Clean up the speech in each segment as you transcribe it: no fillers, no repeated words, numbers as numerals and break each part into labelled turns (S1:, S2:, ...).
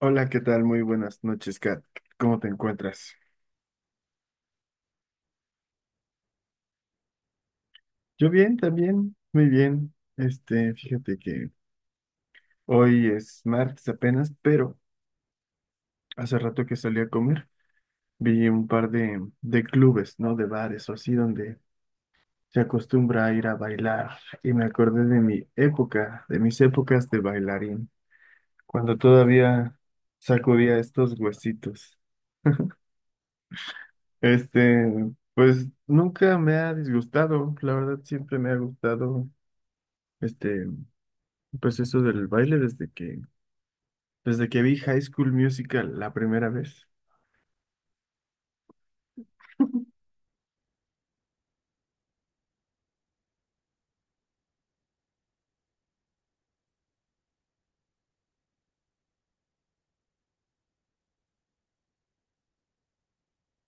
S1: Hola, ¿qué tal? Muy buenas noches, Kat. ¿Cómo te encuentras? Yo bien, también, muy bien. Fíjate que hoy es martes apenas, pero hace rato que salí a comer, vi un par de clubes, ¿no? De bares o así, donde se acostumbra a ir a bailar. Y me acordé de mi época, de mis épocas de bailarín, cuando todavía sacudía estos huesitos. Este, pues nunca me ha disgustado, la verdad siempre me ha gustado. Este, Pues eso del baile desde que vi High School Musical la primera vez.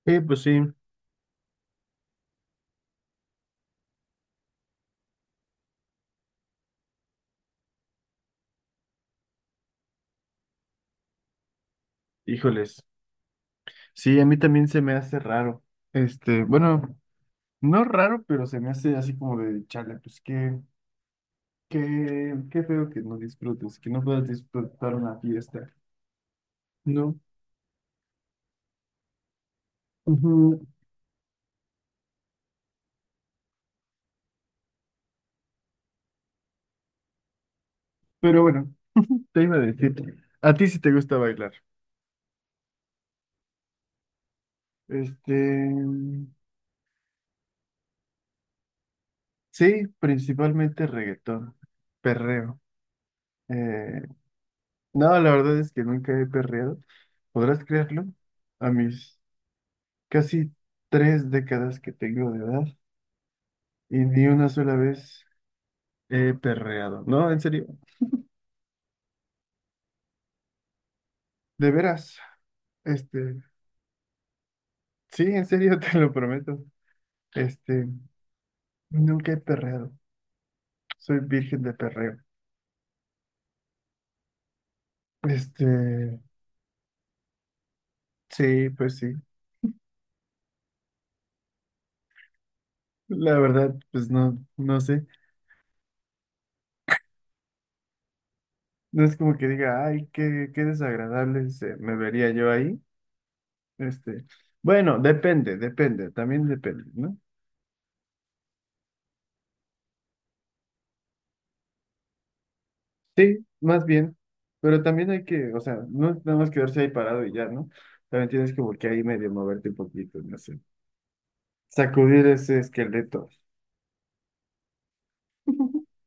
S1: Pues sí, híjoles. Sí, a mí también se me hace raro. Bueno, no raro, pero se me hace así como de chale, pues qué, qué feo que no disfrutes, que no puedas disfrutar una fiesta, ¿no? Ujú. Pero bueno, te iba a decir, a ti sí te gusta bailar. Este, sí, principalmente reggaetón, perreo. Eh, No, la verdad es que nunca he perreado. ¿Podrás creerlo? A mis casi 3 décadas que tengo de edad y ni una sola vez he perreado. No, en serio, de veras. Este, sí, en serio, te lo prometo. Este, Nunca he perreado. Soy virgen de perreo. Este, sí, pues sí. La verdad, pues no, no sé. No es como que diga, ay, qué desagradable se me vería yo ahí. Este, bueno, depende, depende, también depende, ¿no? Sí, más bien, pero también hay que, o sea, no es nada más quedarse ahí parado y ya, ¿no? También tienes como que ahí medio moverte un poquito, no sé, sacudir ese esqueleto.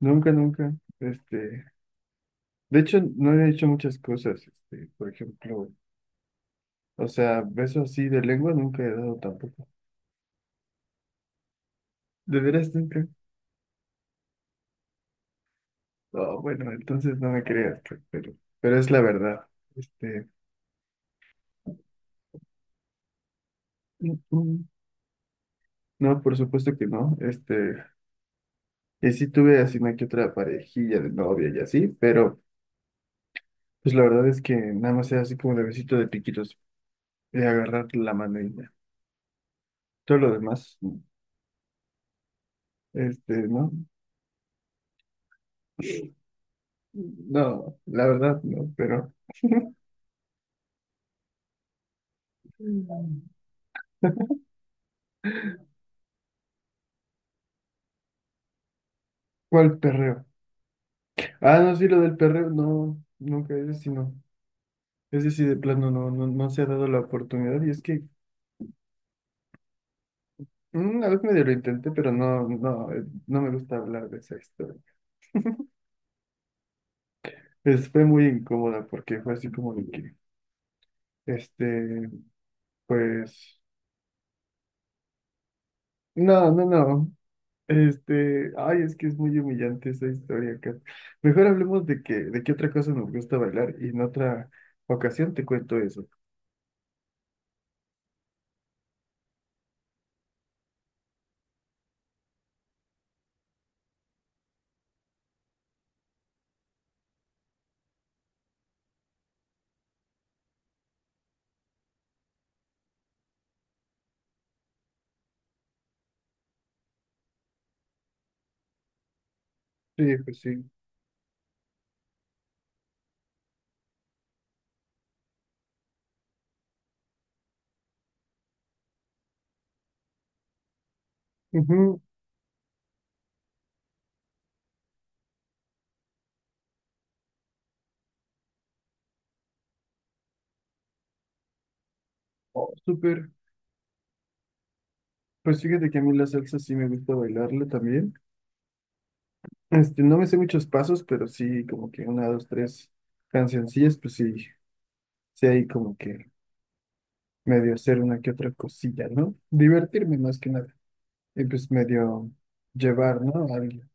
S1: Nunca, nunca, este, de hecho, no he hecho muchas cosas, por ejemplo, o sea, beso así de lengua nunca he dado tampoco. ¿De veras nunca? Oh, bueno, entonces no me creas, pero es la verdad, este. No, por supuesto que no. Y sí tuve así una que otra parejilla de novia y así, pero pues la verdad es que nada más era así como de besito de piquitos, de agarrar la mano y ya. Todo lo demás, no. ¿No? No, la verdad no, pero Mm. ¿cuál perreo? Ah, no, sí, lo del perreo, no, nunca, es sí no. Ese sí de plano no, no, no se ha dado la oportunidad y es que una vez medio lo intenté, pero no, no, no me gusta hablar de esa historia. Fue muy incómoda porque fue así como de que, este, pues, no, no, no, ay, es que es muy humillante esa historia acá. Mejor hablemos de que, de qué otra cosa nos gusta bailar y en otra ocasión te cuento eso. Sí, pues sí. Ujú. Oh, súper. Pues fíjate que a mí la salsa sí me gusta bailarla también. No me sé muchos pasos, pero sí como que una, dos, tres cancioncillas, pues sí, sí hay como que medio hacer una que otra cosilla, ¿no? Divertirme más que nada. Y pues medio llevar, ¿no? Alguien.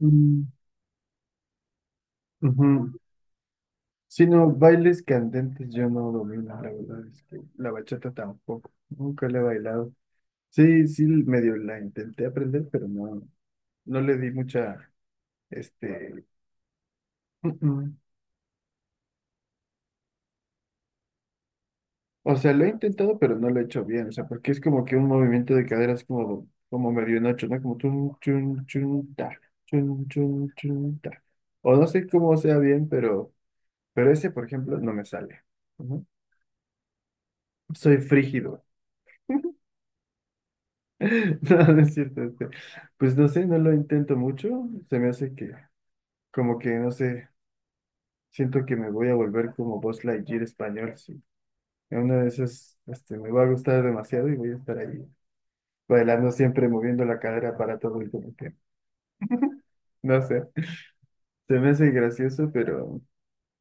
S1: Mm, ujú. Si no, bailes candentes yo no domino, la verdad es que la bachata tampoco. Nunca la he bailado. Sí, sí, medio la intenté aprender, pero no, no le di mucha, este, O sea, lo he intentado, pero no lo he hecho bien. O sea, porque es como que un movimiento de caderas como medio en noche, ¿no? Como chun, chun, chun, ta, chun, chun, chun, ta. O no sé cómo sea bien, pero ese, por ejemplo, no me sale. Ujú. Soy frígido. No, no es cierto. Pues no sé, no lo intento mucho. Se me hace que, como que, no sé, siento que me voy a volver como Buzz Lightyear español. Sí. En una de esas, me va a gustar demasiado y voy a estar ahí. Bailando siempre, moviendo la cadera para todo y como que, no sé, se me hace gracioso, pero,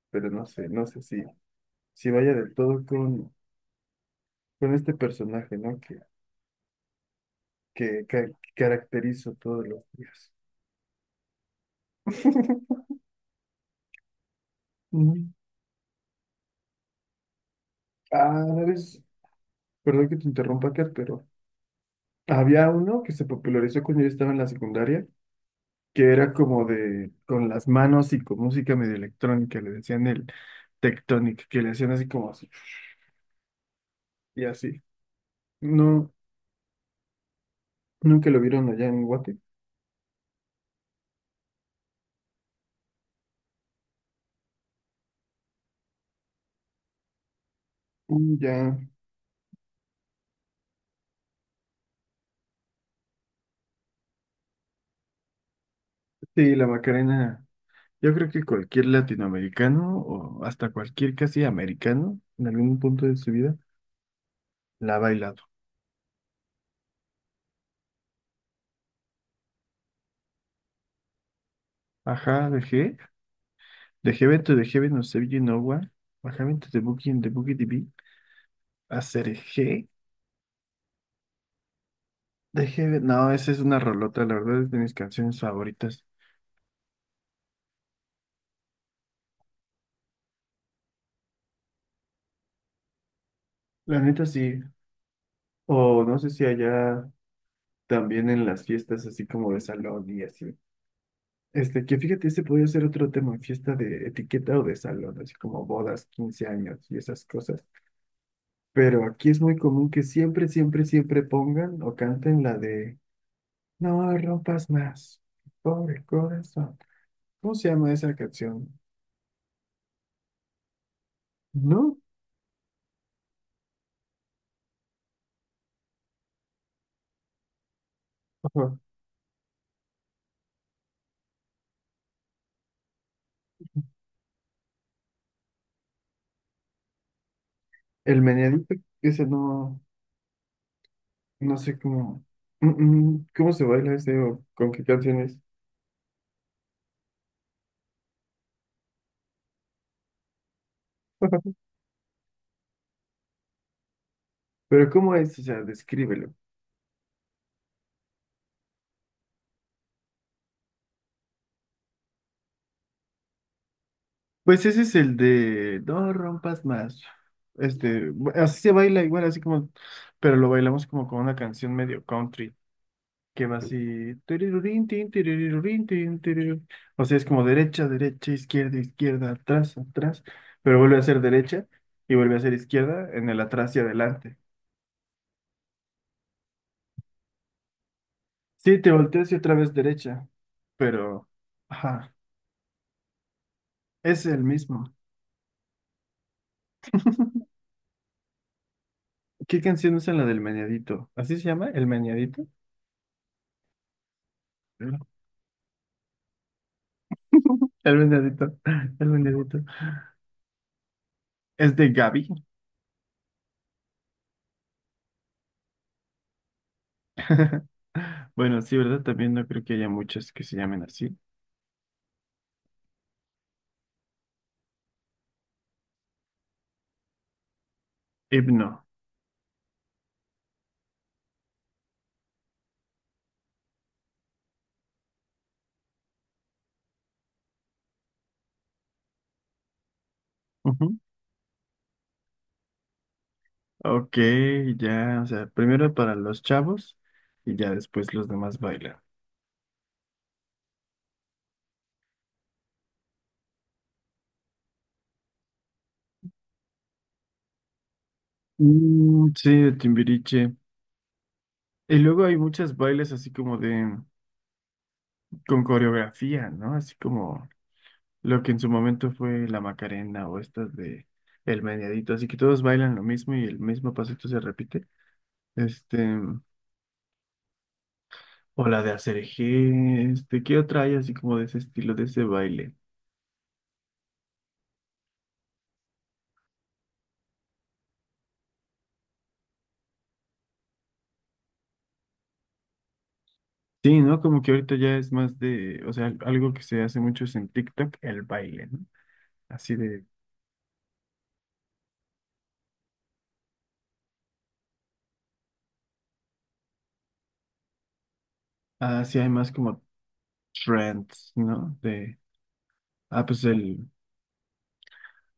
S1: pero no sé, no sé si vaya del todo con este personaje, ¿no? Que caracterizo todos los días. Ujú. Ah, una vez, perdón que te interrumpa, Kat, pero había uno que se popularizó cuando yo estaba en la secundaria, que era como de, con las manos y con música medio electrónica, le decían el tectonic, que le hacían así como así, y así. No, nunca lo vieron allá en Guate. Mm, ya, sí, la Macarena. Yo creo que cualquier latinoamericano o hasta cualquier casi americano en algún punto de su vida la ha bailado. Ajá, dejé. Dejé vento, dejé no sé Nowa. Ajá, vento de Booking, de Boogie DB. Hacer G. Dejé. No, esa es una rolota, la verdad es de mis canciones favoritas. La neta sí. O no sé si allá también en las fiestas así como de salón y así. Que fíjate, ese podría ser otro tema, fiesta de etiqueta o de salón, así como bodas, 15 años y esas cosas. Pero aquí es muy común que siempre, siempre, siempre pongan o canten la de No rompas más, pobre corazón. ¿Cómo se llama esa canción? ¿No? Ajá. El meneadito, ese no, no sé cómo, cómo se baila ese o con qué canciones. Pero ¿cómo es? O sea, descríbelo. Pues ese es el de no rompas más. Así se baila igual, así como, pero lo bailamos como con una canción medio country, que va así, Tirirurín, tin, tirirurín, tin, tirirú. O sea, es como derecha, derecha, izquierda, izquierda, atrás, atrás, pero vuelve a ser derecha y vuelve a ser izquierda en el atrás y adelante. Sí, te volteas y otra vez derecha, pero, ajá, es el mismo. ¿Qué canción es en la del meñadito? ¿Así se llama? ¿El meñadito? El vendedito, el vendedito. Es de Gaby. Bueno, sí, ¿verdad? También no creo que haya muchas que se llamen así. Himno. Ujú. Ok, ya, o sea, primero para los chavos y ya después los demás bailan. Mm, sí, de Timbiriche. Y luego hay muchas bailes así como de, con coreografía, ¿no? Así como lo que en su momento fue la Macarena o estas de El Meneadito. Así que todos bailan lo mismo y el mismo pasito se repite. Este, O la de hacer ¿qué otra hay así como de ese estilo, de ese baile? Sí, ¿no? Como que ahorita ya es más de, o sea, algo que se hace mucho es en TikTok, el baile, ¿no? Así de, así hay más como trends, ¿no? De, pues el,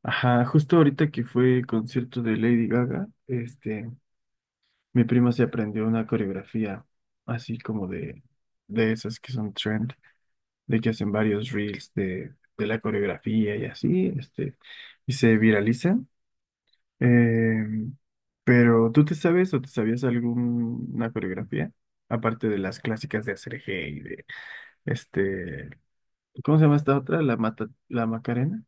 S1: ajá, justo ahorita que fue el concierto de Lady Gaga, mi prima se aprendió una coreografía así como de esas que son trend, de que hacen varios reels de la coreografía y así, y se viraliza. Eh, pero, ¿tú te sabes o te sabías alguna coreografía? Aparte de las clásicas de hacer eje y de este. ¿Cómo se llama esta otra? La mata, la Macarena.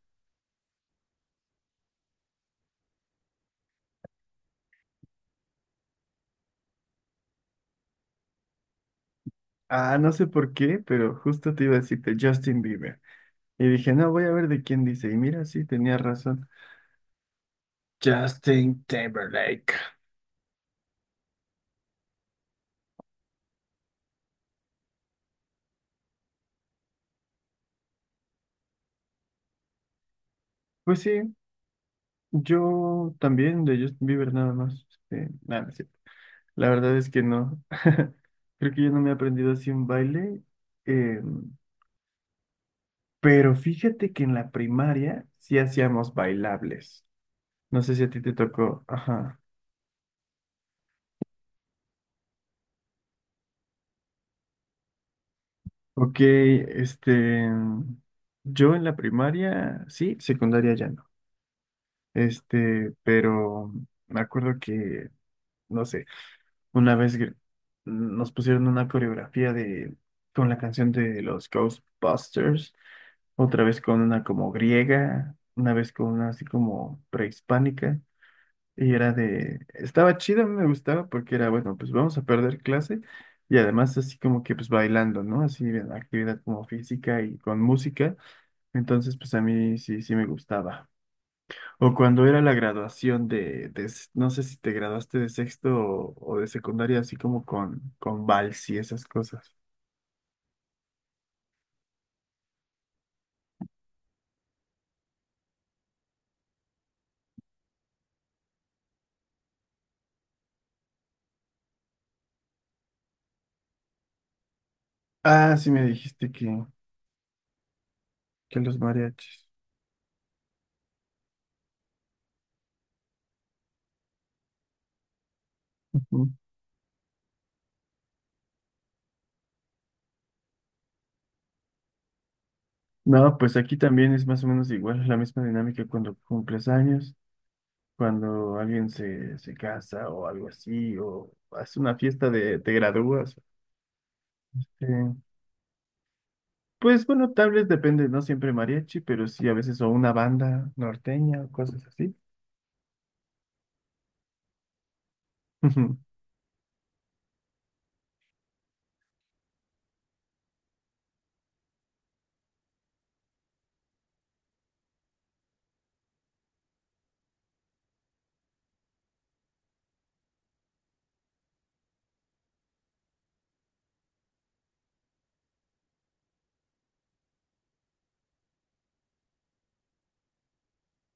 S1: Ah, no sé por qué, pero justo te iba a decirte Justin Bieber. Y dije, no, voy a ver de quién dice. Y mira, sí, tenía razón. Justin Timberlake. Pues sí, yo también de Justin Bieber nada más. Nada, no es cierto. La verdad es que no. Creo que yo no me he aprendido así un baile. em, Pero fíjate que en la primaria sí hacíamos bailables. No sé si a ti te tocó. Ajá. Ok. Yo en la primaria, sí, secundaria ya no. Pero me acuerdo que, no sé, una vez nos pusieron una coreografía de, con la canción de los Ghostbusters, otra vez con una como griega, una vez con una así como prehispánica. Y era de, estaba chida, me gustaba porque era, bueno, pues vamos a perder clase y además así como que pues bailando, ¿no? Así actividad como física y con música. Entonces pues a mí sí, sí me gustaba. O cuando era la graduación de, no sé si te graduaste de sexto o de secundaria, así como con vals y esas cosas. Ah, sí me dijiste que, los mariachis. Ujú. No, pues aquí también es más o menos igual, la misma dinámica cuando cumples años, cuando alguien se casa o algo así, o hace una fiesta de te gradúas. Sí pues bueno, tal vez depende, no siempre mariachi, pero sí a veces o una banda norteña o cosas así. Ujú.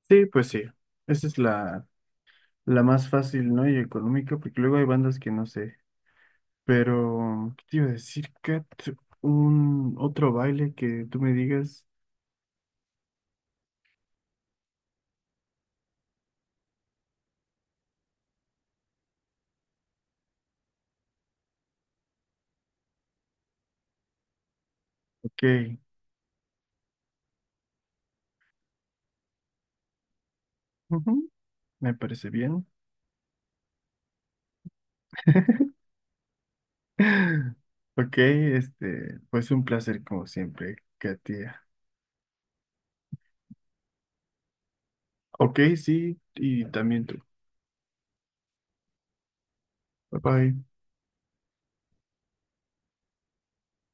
S1: Sí, pues sí, esa es la más fácil, ¿no? Y económica, porque luego hay bandas que no sé. Pero, ¿qué te iba a decir, Kat? Un otro baile que tú me digas, ok, ujú, me parece bien. Ok, pues un placer como siempre, Katia. Ok, sí, y también tú. Bye bye.